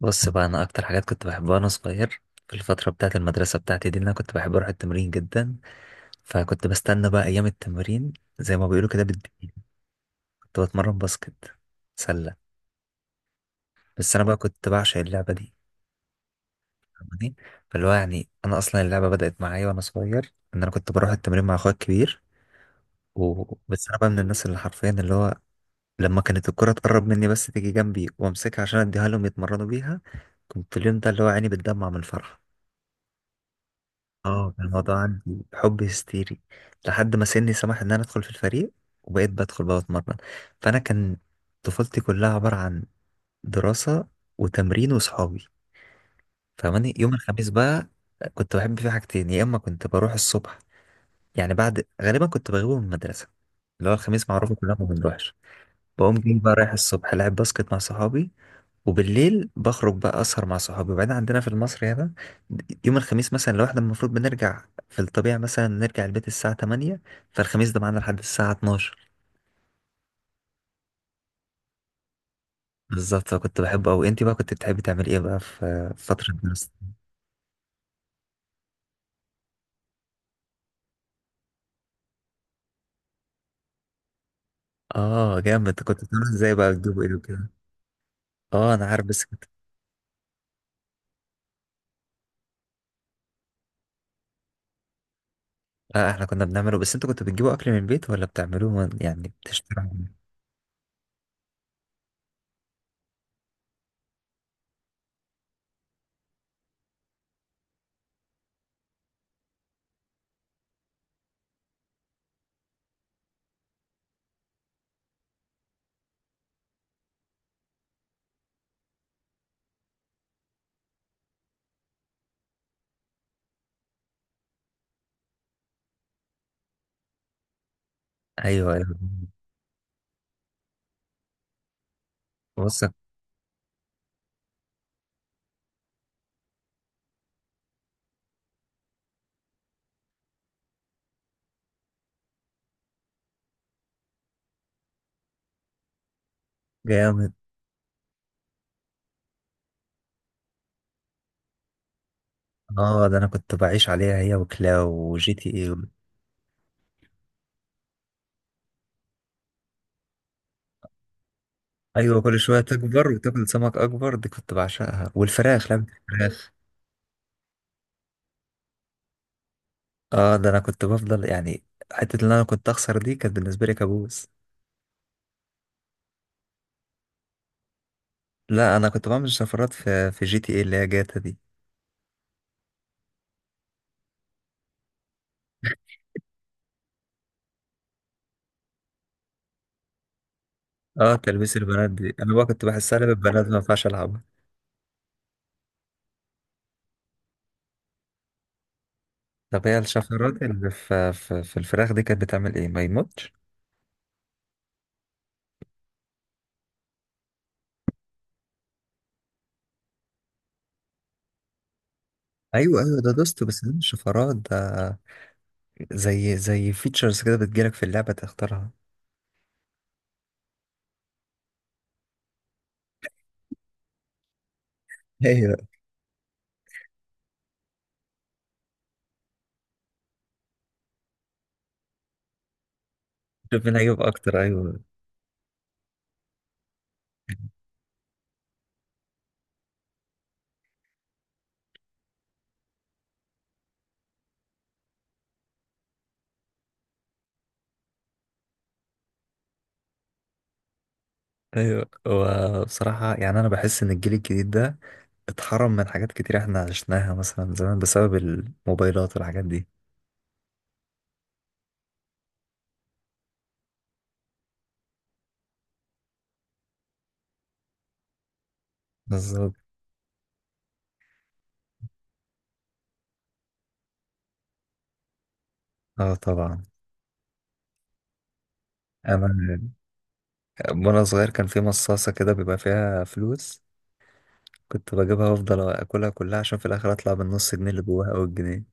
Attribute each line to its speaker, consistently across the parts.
Speaker 1: بص بقى، انا اكتر حاجات كنت بحبها وانا صغير في الفتره بتاعه المدرسه بتاعتي دي ان انا كنت بحب اروح التمرين جدا. فكنت بستنى بقى ايام التمرين زي ما بيقولوا كده بالدقيقه. كنت بتمرن باسكت، سله. بس انا بقى كنت بعشق اللعبه دي، فاهماني؟ فاللي هو يعني انا اصلا اللعبه بدات معايا وانا صغير، ان انا كنت بروح التمرين مع اخويا الكبير. بس انا بقى من الناس اللي حرفيا اللي هو لما كانت الكره تقرب مني بس تيجي جنبي وامسكها عشان اديها لهم يتمرنوا بيها، كنت اليوم ده اللي هو عيني بتدمع من الفرحه. اه، كان الموضوع عندي حب هستيري لحد ما سني سمح ان انا ادخل في الفريق وبقيت بدخل بقى اتمرن. فانا كان طفولتي كلها عبارة عن دراسة وتمرين وصحابي. فماني يوم الخميس بقى، كنت بحب فيه حاجتين: يا اما كنت بروح الصبح، يعني بعد غالبا كنت بغيبه من المدرسة، اللي هو الخميس معروفة كلنا ما بنروحش، بقوم جاي بقى رايح الصبح العب باسكت مع صحابي، وبالليل بخرج بقى اسهر مع صحابي. وبعدين عندنا في المصري هنا يوم الخميس مثلا لو احنا المفروض بنرجع في الطبيعة مثلا نرجع البيت الساعة 8، فالخميس ده معانا لحد الساعة 12. بالظبط، فكنت بحبه أوي. انت بقى كنت بتحبي تعملي ايه بقى في في فترة الدراسة؟ اه جامد، كنت بتعملي ازاي بقى؟ بتجيبوا ايه وكده؟ اه انا عارف بس كنت، اه احنا كنا بنعمله، بس انتوا كنتوا بتجيبوا اكل من البيت ولا بتعملوه يعني بتشتروا ايوه ايوه، بص. جامد، اه ده انا كنت بعيش عليها هي وكلاو وجي تي اي. ايوه كل شويه تكبر وتاكل سمك اكبر، دي كنت بعشقها. والفراخ لعبه، الفراخ. اه ده انا كنت بفضل يعني، حته اللي انا كنت اخسر دي كانت بالنسبه لي كابوس. لا انا كنت بعمل شفرات في جي تي اي اللي هي جاتا دي. اه تلبيس البنات دي انا بقى كنت بحسها لعبه بنات ما ينفعش العبها. طب هي الشفرات اللي في الفراخ دي كانت بتعمل ايه؟ ما يموتش؟ ايوه ايوه ده دوست، بس ده مش شفرات ده. زي فيتشرز كده بتجيلك في اللعبه تختارها. ايوه، شوف مين هيجيب اكتر، ايوه. ايوه وبصراحة يعني انا بحس ان الجيل الجديد ده اتحرم من حاجات كتير احنا عشناها مثلا زمان بسبب الموبايلات والحاجات دي. بالظبط. اه طبعا. انا وانا صغير كان في مصاصة كده بيبقى فيها فلوس، كنت بجيبها وافضل اكلها كلها عشان في الاخر اطلع بالنص جنيه اللي جواها او الجنيه.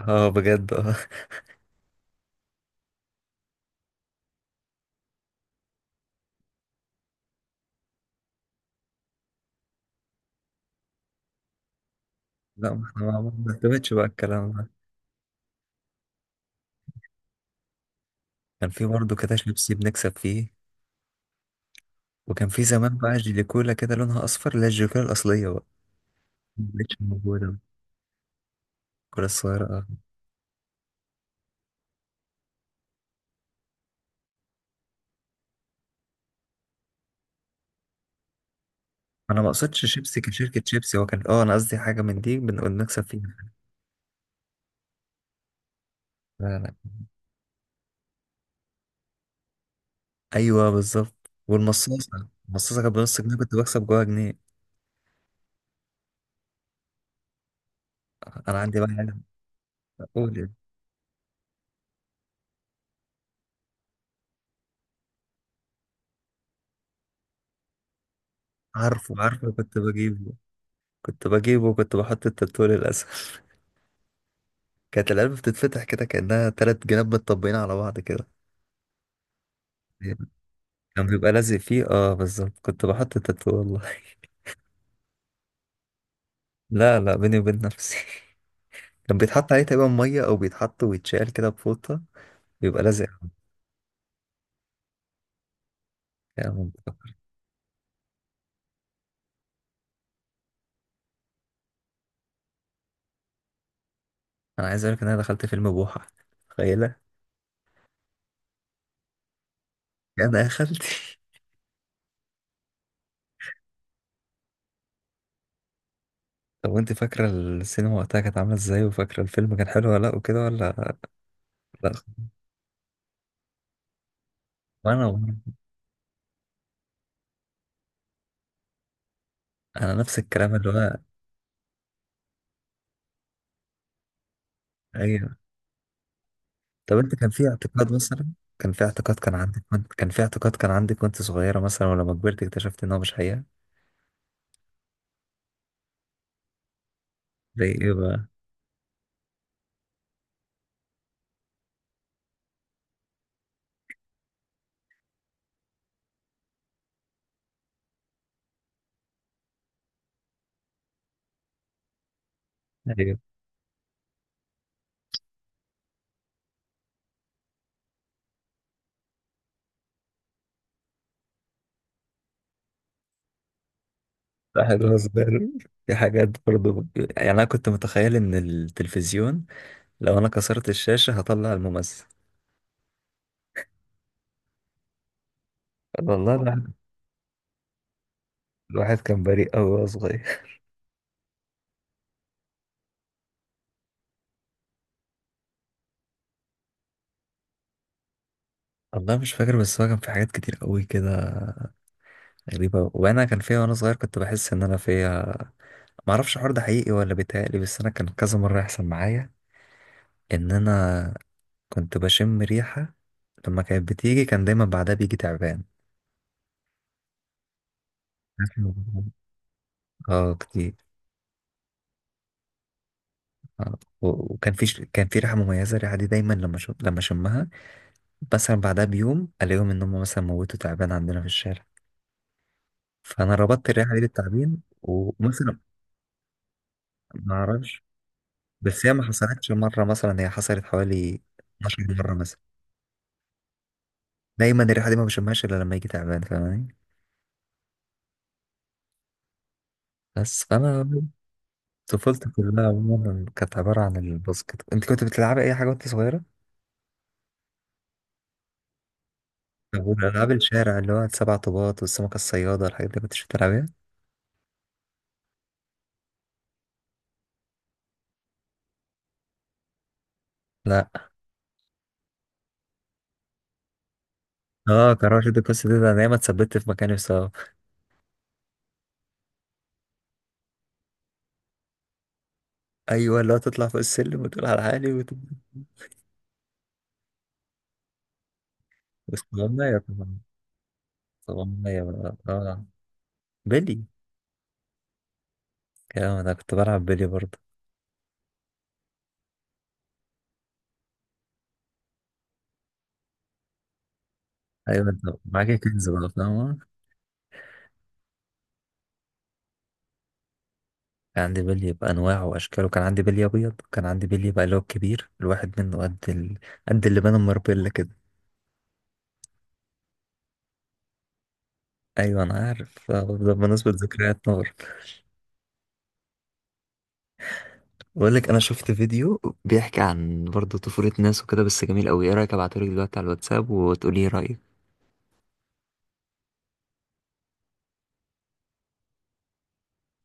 Speaker 1: اه بجد، اه. لا ما احنا ما بنعتمدش بقى الكلام ده. كان في برضه كده شيبسي بنكسب فيه. وكان في زمان بقى جيلي كولا كده لونها اصفر اللي هي الجيلي كولا الاصلية بقى، ما بقتش موجودة، الكولا الصغيرة، آه. انا ما اقصدش شيبسي كشركه شيبسي، هو كان، اه انا قصدي حاجه من دي بنقول نكسب فيها. لا، لا. ايوه بالظبط، والمصاصه، المصاصه كانت بنص جنيه كنت بكسب جواها جنيه. انا عندي بقى حاجه. اقول إيه؟ عارفه عارفه كنت بجيبه، كنت بحط التاتو للاسف. كانت العلبه بتتفتح كده كانها تلات جناب متطبقين على بعض كده. كان بيبقى لازق فيه، اه بالظبط، كنت بحط التاتو والله. لا لا، بيني وبين نفسي. كان بيتحط عليه تقريبا ميه، او بيتحط ويتشال كده بفوطه، بيبقى لازق. يعني انا عايز اقولك ان انا دخلت فيلم بوحة، تخيله. انا دخلت. طب انت فاكره السينما وقتها كانت عامله ازاي؟ وفاكره الفيلم كان حلو ولا لا وكده ولا؟ لا. وانا والله انا نفس الكلام اللي هو ايوه. طب انت كان في اعتقاد مثلا، كان في اعتقاد كان عندك وانت صغيره مثلا، ولما كبرت اكتشفت ان هو مش حقيقه؟ زي ايه بقى؟ ايوه، واحد هو صغير، في حاجات برضه. يعني انا كنت متخيل ان التلفزيون لو انا كسرت الشاشه هطلع الممثل، والله. الواحد، الواحد كان بريء قوي وهو صغير. والله مش فاكر، بس هو كان في حاجات كتير قوي كده غريبة وانا كان فيها وانا صغير، كنت بحس ان انا فيها معرفش الحوار ده حقيقي ولا بيتهيألي. بس انا كان كذا مرة يحصل معايا ان انا كنت بشم ريحة، لما كانت بتيجي كان دايما بعدها بيجي تعبان. عارف الموضوع ده؟ اه كتير. آه. و- وكان في كان في ريحة مميزة، الريحة دي دايما لما لما شمها مثلا بعدها بيوم الاقيهم ان هم مثلا موتوا، تعبان عندنا في الشارع. فانا ربطت الريحة دي بالتعبين، ومثلا معرفش. بس هي ما حصلتش مرة، مثلا هي حصلت حوالي 12 مرة مثلا. دايما الريحة دي ما بشمهاش إلا لما يجي تعبان، فاهماني. بس فأنا طفولتي كلها عموما كانت عبارة عن الباسكت. أنت كنت بتلعبي أي حاجة وأنت صغيرة؟ طب والألعاب الشارع اللي هو السبع طوبات والسمكة الصيادة الحاجات دي كنتش بتلعبيها؟ لا. اه كراش دي القصة دي، ده أنا دايما اتثبت في مكاني بسبب. أيوه اللي هو تطلع فوق السلم وتقول على حالي وتقول. بس طبعا، طبعا، طبعا بقى. اه، بيلي. كلام، أنا كنت بلعب بيلي برضه. ايوه، انت معاك كنز بقى فاهم. كان عندي بلي بأنواعه وأشكاله، كان عندي بلي أبيض، وكان عندي بلي بقى اللي هو الكبير، الواحد منه قد قد اللي بان مربلة كده. أيوة أنا عارف، آه، ده بمناسبة ذكريات نار. بقول لك أنا شفت فيديو بيحكي عن برضه طفولة ناس وكده، بس جميل أوي. إيه رأيك أبعتهولك دلوقتي على الواتساب وتقولي إيه رأيك؟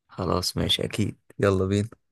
Speaker 1: خلاص ماشي، أكيد، يلا بينا.